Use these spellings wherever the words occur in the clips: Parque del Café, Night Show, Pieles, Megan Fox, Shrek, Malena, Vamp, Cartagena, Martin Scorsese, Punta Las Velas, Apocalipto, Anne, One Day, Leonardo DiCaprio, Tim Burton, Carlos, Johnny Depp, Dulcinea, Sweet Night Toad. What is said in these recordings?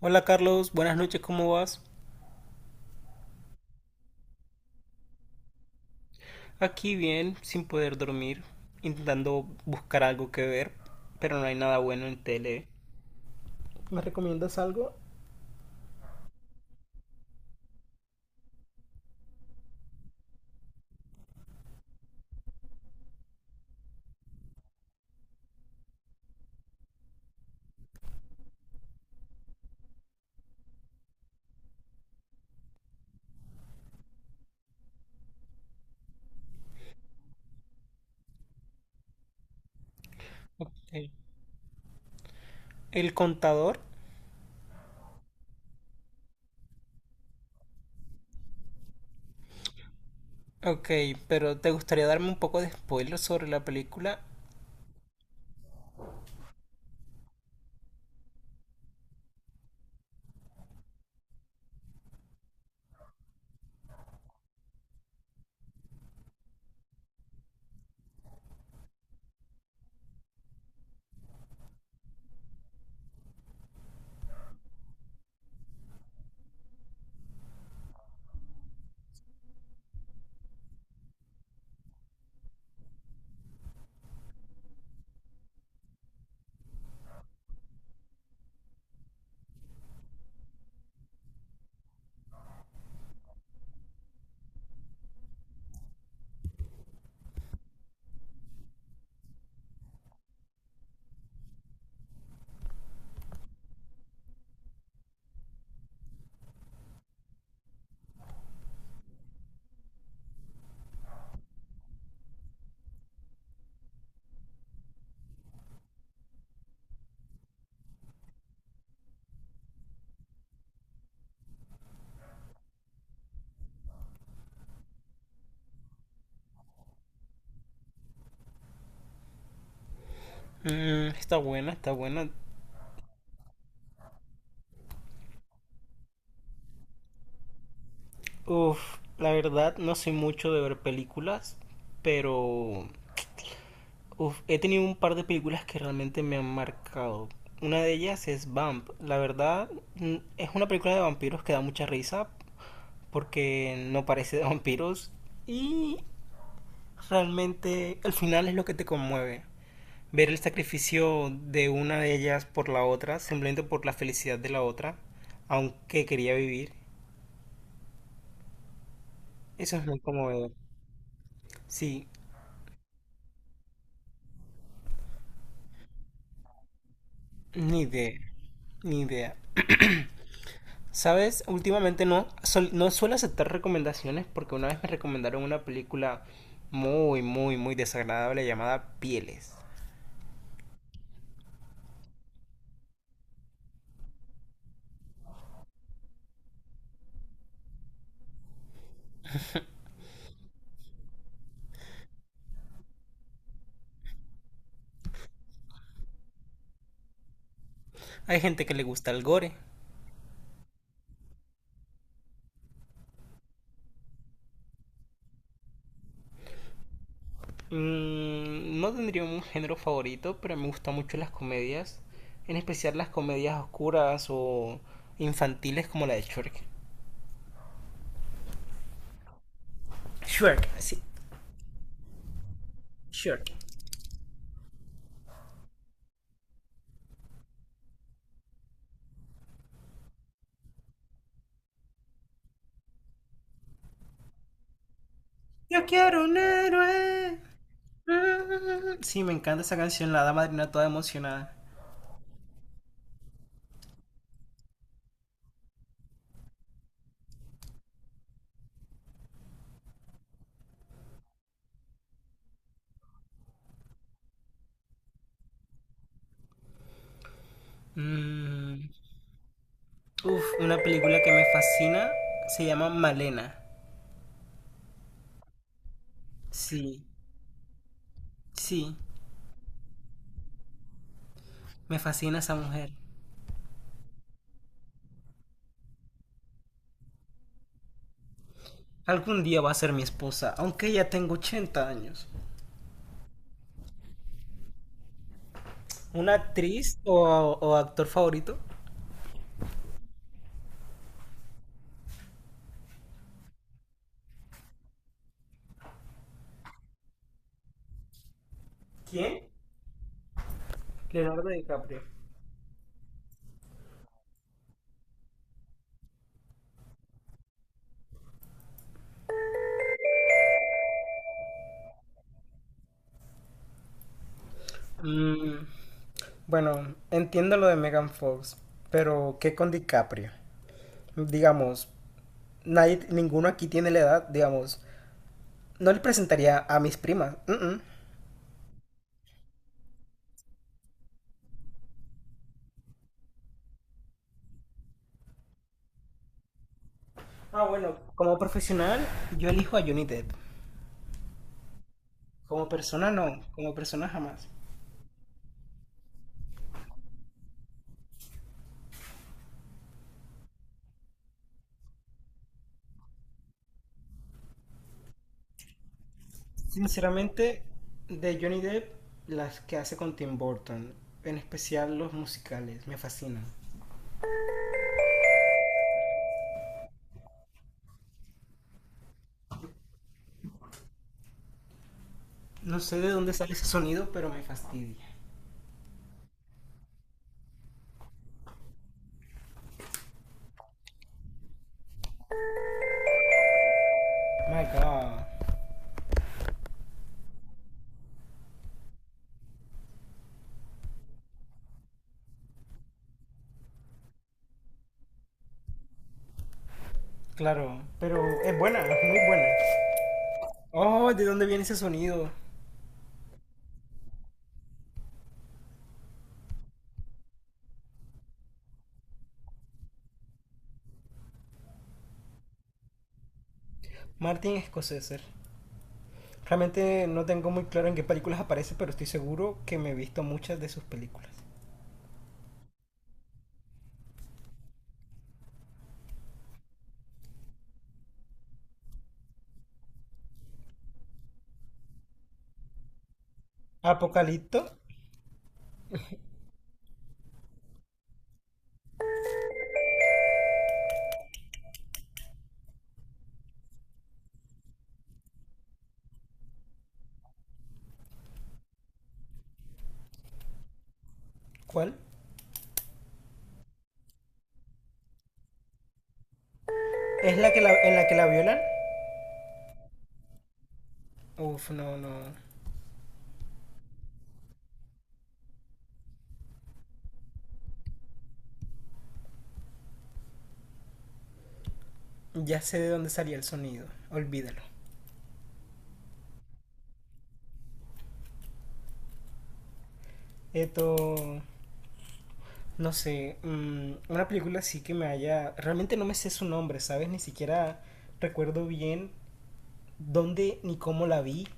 Hola Carlos, buenas noches, ¿cómo vas? Aquí bien, sin poder dormir, intentando buscar algo que ver, pero no hay nada bueno en tele. ¿Me recomiendas algo? Ok. El contador. Ok, pero ¿te gustaría darme un poco de spoiler sobre la película? Mm, está buena, está buena. Uf, la verdad no soy mucho de ver películas, pero Uf, he tenido un par de películas que realmente me han marcado. Una de ellas es Vamp. La verdad, es una película de vampiros que da mucha risa porque no parece de vampiros y realmente el final es lo que te conmueve. Ver el sacrificio de una de ellas por la otra, simplemente por la felicidad de la otra, aunque quería vivir. Eso es muy conmovedor. Sí, ni idea, ni idea. Sabes, últimamente no, no suelo aceptar recomendaciones porque una vez me recomendaron una película muy, muy, muy desagradable llamada Pieles. Hay gente que le gusta el gore. No tendría un género favorito, pero me gustan mucho las comedias, en especial las comedias oscuras o infantiles como la de Shrek. Shrek, sí, Shrek. Yo quiero un héroe. Mm. Sí, me encanta esa canción, la dama madrina toda emocionada. Mm. Uf, una película que me fascina se llama Malena. Sí, sí, me fascina esa mujer. Algún día va a ser mi esposa, aunque ya tengo 80 años. ¿Una actriz o actor favorito? ¿Quién? Leonardo DiCaprio. Mm, bueno, entiendo lo de Megan Fox, pero ¿qué con DiCaprio? Digamos, nadie, ninguno aquí tiene la edad, digamos. No le presentaría a mis primas. Mm, mm. Ah, bueno, como profesional, yo elijo a Johnny Depp. Como persona no, como persona jamás. Sinceramente, de Johnny Depp, las que hace con Tim Burton, en especial los musicales, me fascinan. No sé de dónde sale ese sonido, pero me fastidia. My God. Claro, pero es buena, es muy buena. Oh, ¿de dónde viene ese sonido? Martin Scorsese. Realmente no tengo muy claro en qué películas aparece, pero estoy seguro que me he visto muchas de sus películas. Apocalipto, ¿cuál? ¿Es la que la, en la que la violan? Uf, no, no. Ya sé de dónde salía el sonido, olvídalo. Esto, no sé, una película así que me haya... Realmente no me sé su nombre, ¿sabes? Ni siquiera recuerdo bien dónde ni cómo la vi,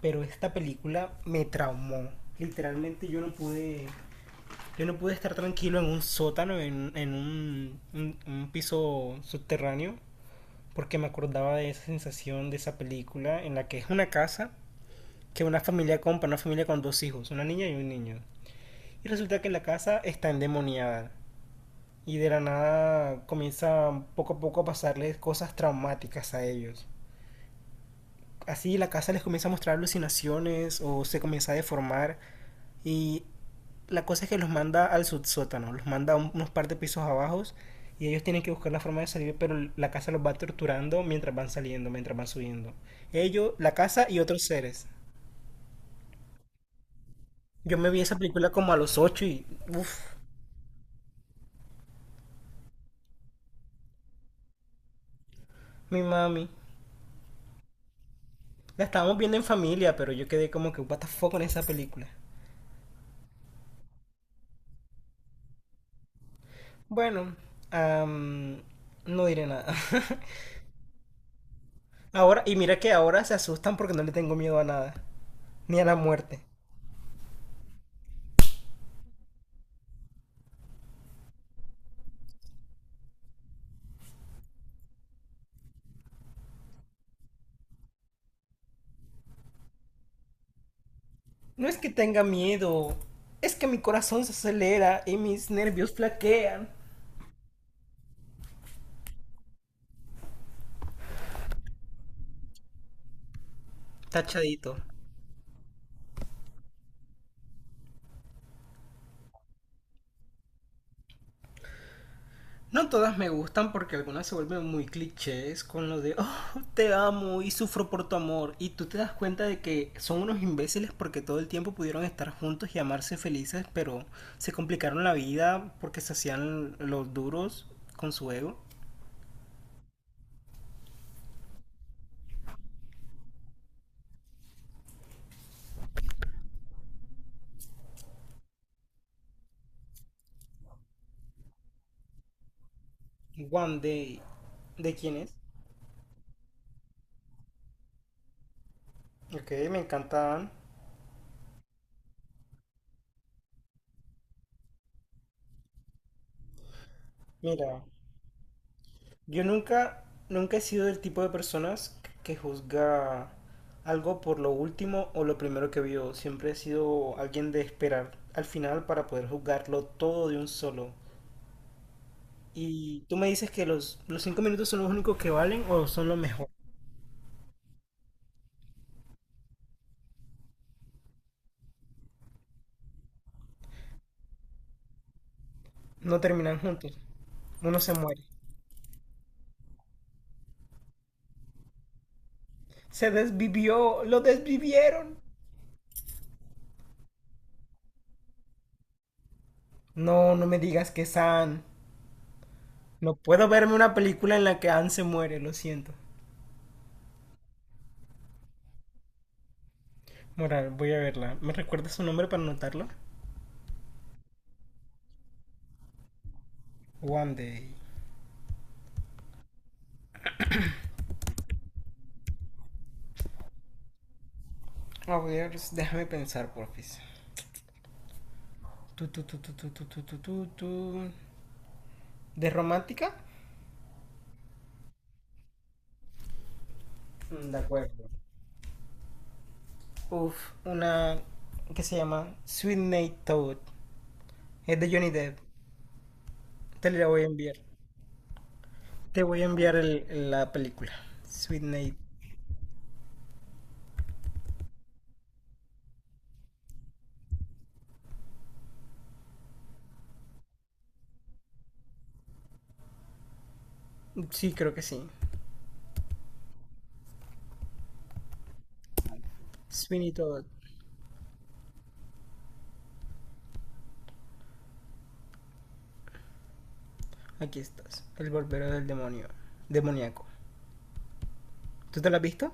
pero esta película me traumó. Literalmente yo no pude... Yo no pude estar tranquilo en un sótano, en un piso subterráneo, porque me acordaba de esa sensación de esa película en la que es una casa que una familia compra, una familia con dos hijos, una niña y un niño. Y resulta que la casa está endemoniada. Y de la nada comienza poco a poco a pasarles cosas traumáticas a ellos. Así la casa les comienza a mostrar alucinaciones o se comienza a deformar. Y la cosa es que los manda al subsótano, los manda unos par de pisos abajo. Y ellos tienen que buscar la forma de salir, pero la casa los va torturando mientras van saliendo, mientras van subiendo. Ellos, la casa y otros seres. Yo me vi esa película como a los 8 y... Uff, mi mami. La estábamos viendo en familia, pero yo quedé como que, what the fuck con esa película. Bueno, am, no diré nada. Ahora, y mira que ahora se asustan porque no le tengo miedo a nada. Ni a la muerte. No es que tenga miedo, es que mi corazón se acelera y mis nervios flaquean. Tachadito. No todas me gustan porque algunas se vuelven muy clichés con lo de, oh, te amo y sufro por tu amor. Y tú te das cuenta de que son unos imbéciles porque todo el tiempo pudieron estar juntos y amarse felices, pero se complicaron la vida porque se hacían los duros con su ego. One Day, ¿de quién es? Ok, me encantan. Mira, yo nunca, nunca he sido del tipo de personas que juzga algo por lo último o lo primero que vio. Siempre he sido alguien de esperar al final para poder juzgarlo todo de un solo. Y tú me dices que los 5 minutos son los únicos que valen o son lo mejor. No terminan juntos. Uno se muere. Se desvivió, lo desvivieron. No, no me digas que San. No puedo verme una película en la que Anne se muere, lo siento. Moral, voy a verla. ¿Me recuerdas su nombre para anotarlo? One Day. A ver, déjame pensar, porfis. Tu, tu, tu, tu, tu, tu, tu, tu, tu, tu. ¿De romántica? Mm, de acuerdo. Uf, una que se llama Sweet Night Toad. Es de Johnny Depp. Te la voy a enviar. Te voy a enviar la película. Sweet Night. Sí, creo que sí. Sweet Night Toad. Aquí estás. El barbero del demonio. Demoníaco. ¿Tú te la has visto?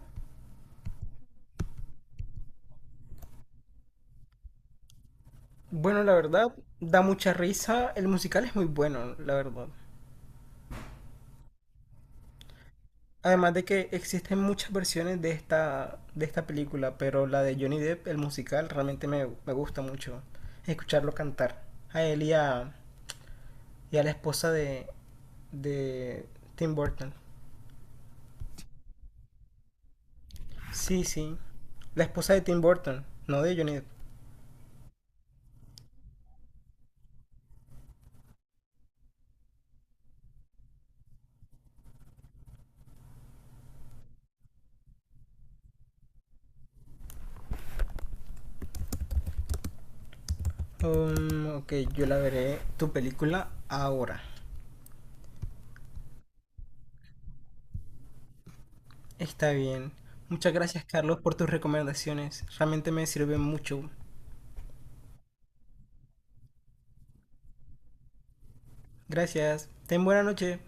Bueno, la verdad, da mucha risa. El musical es muy bueno, la verdad. Además de que existen muchas versiones de esta película, pero la de Johnny Depp, el musical, realmente me gusta mucho escucharlo cantar. A él y a la esposa de Tim Burton. Sí, sí. La esposa de Tim Burton, no de Johnny Depp. Ok, yo la veré tu película ahora. Está bien. Muchas gracias, Carlos, por tus recomendaciones. Realmente me sirven mucho. Gracias. Ten buena noche.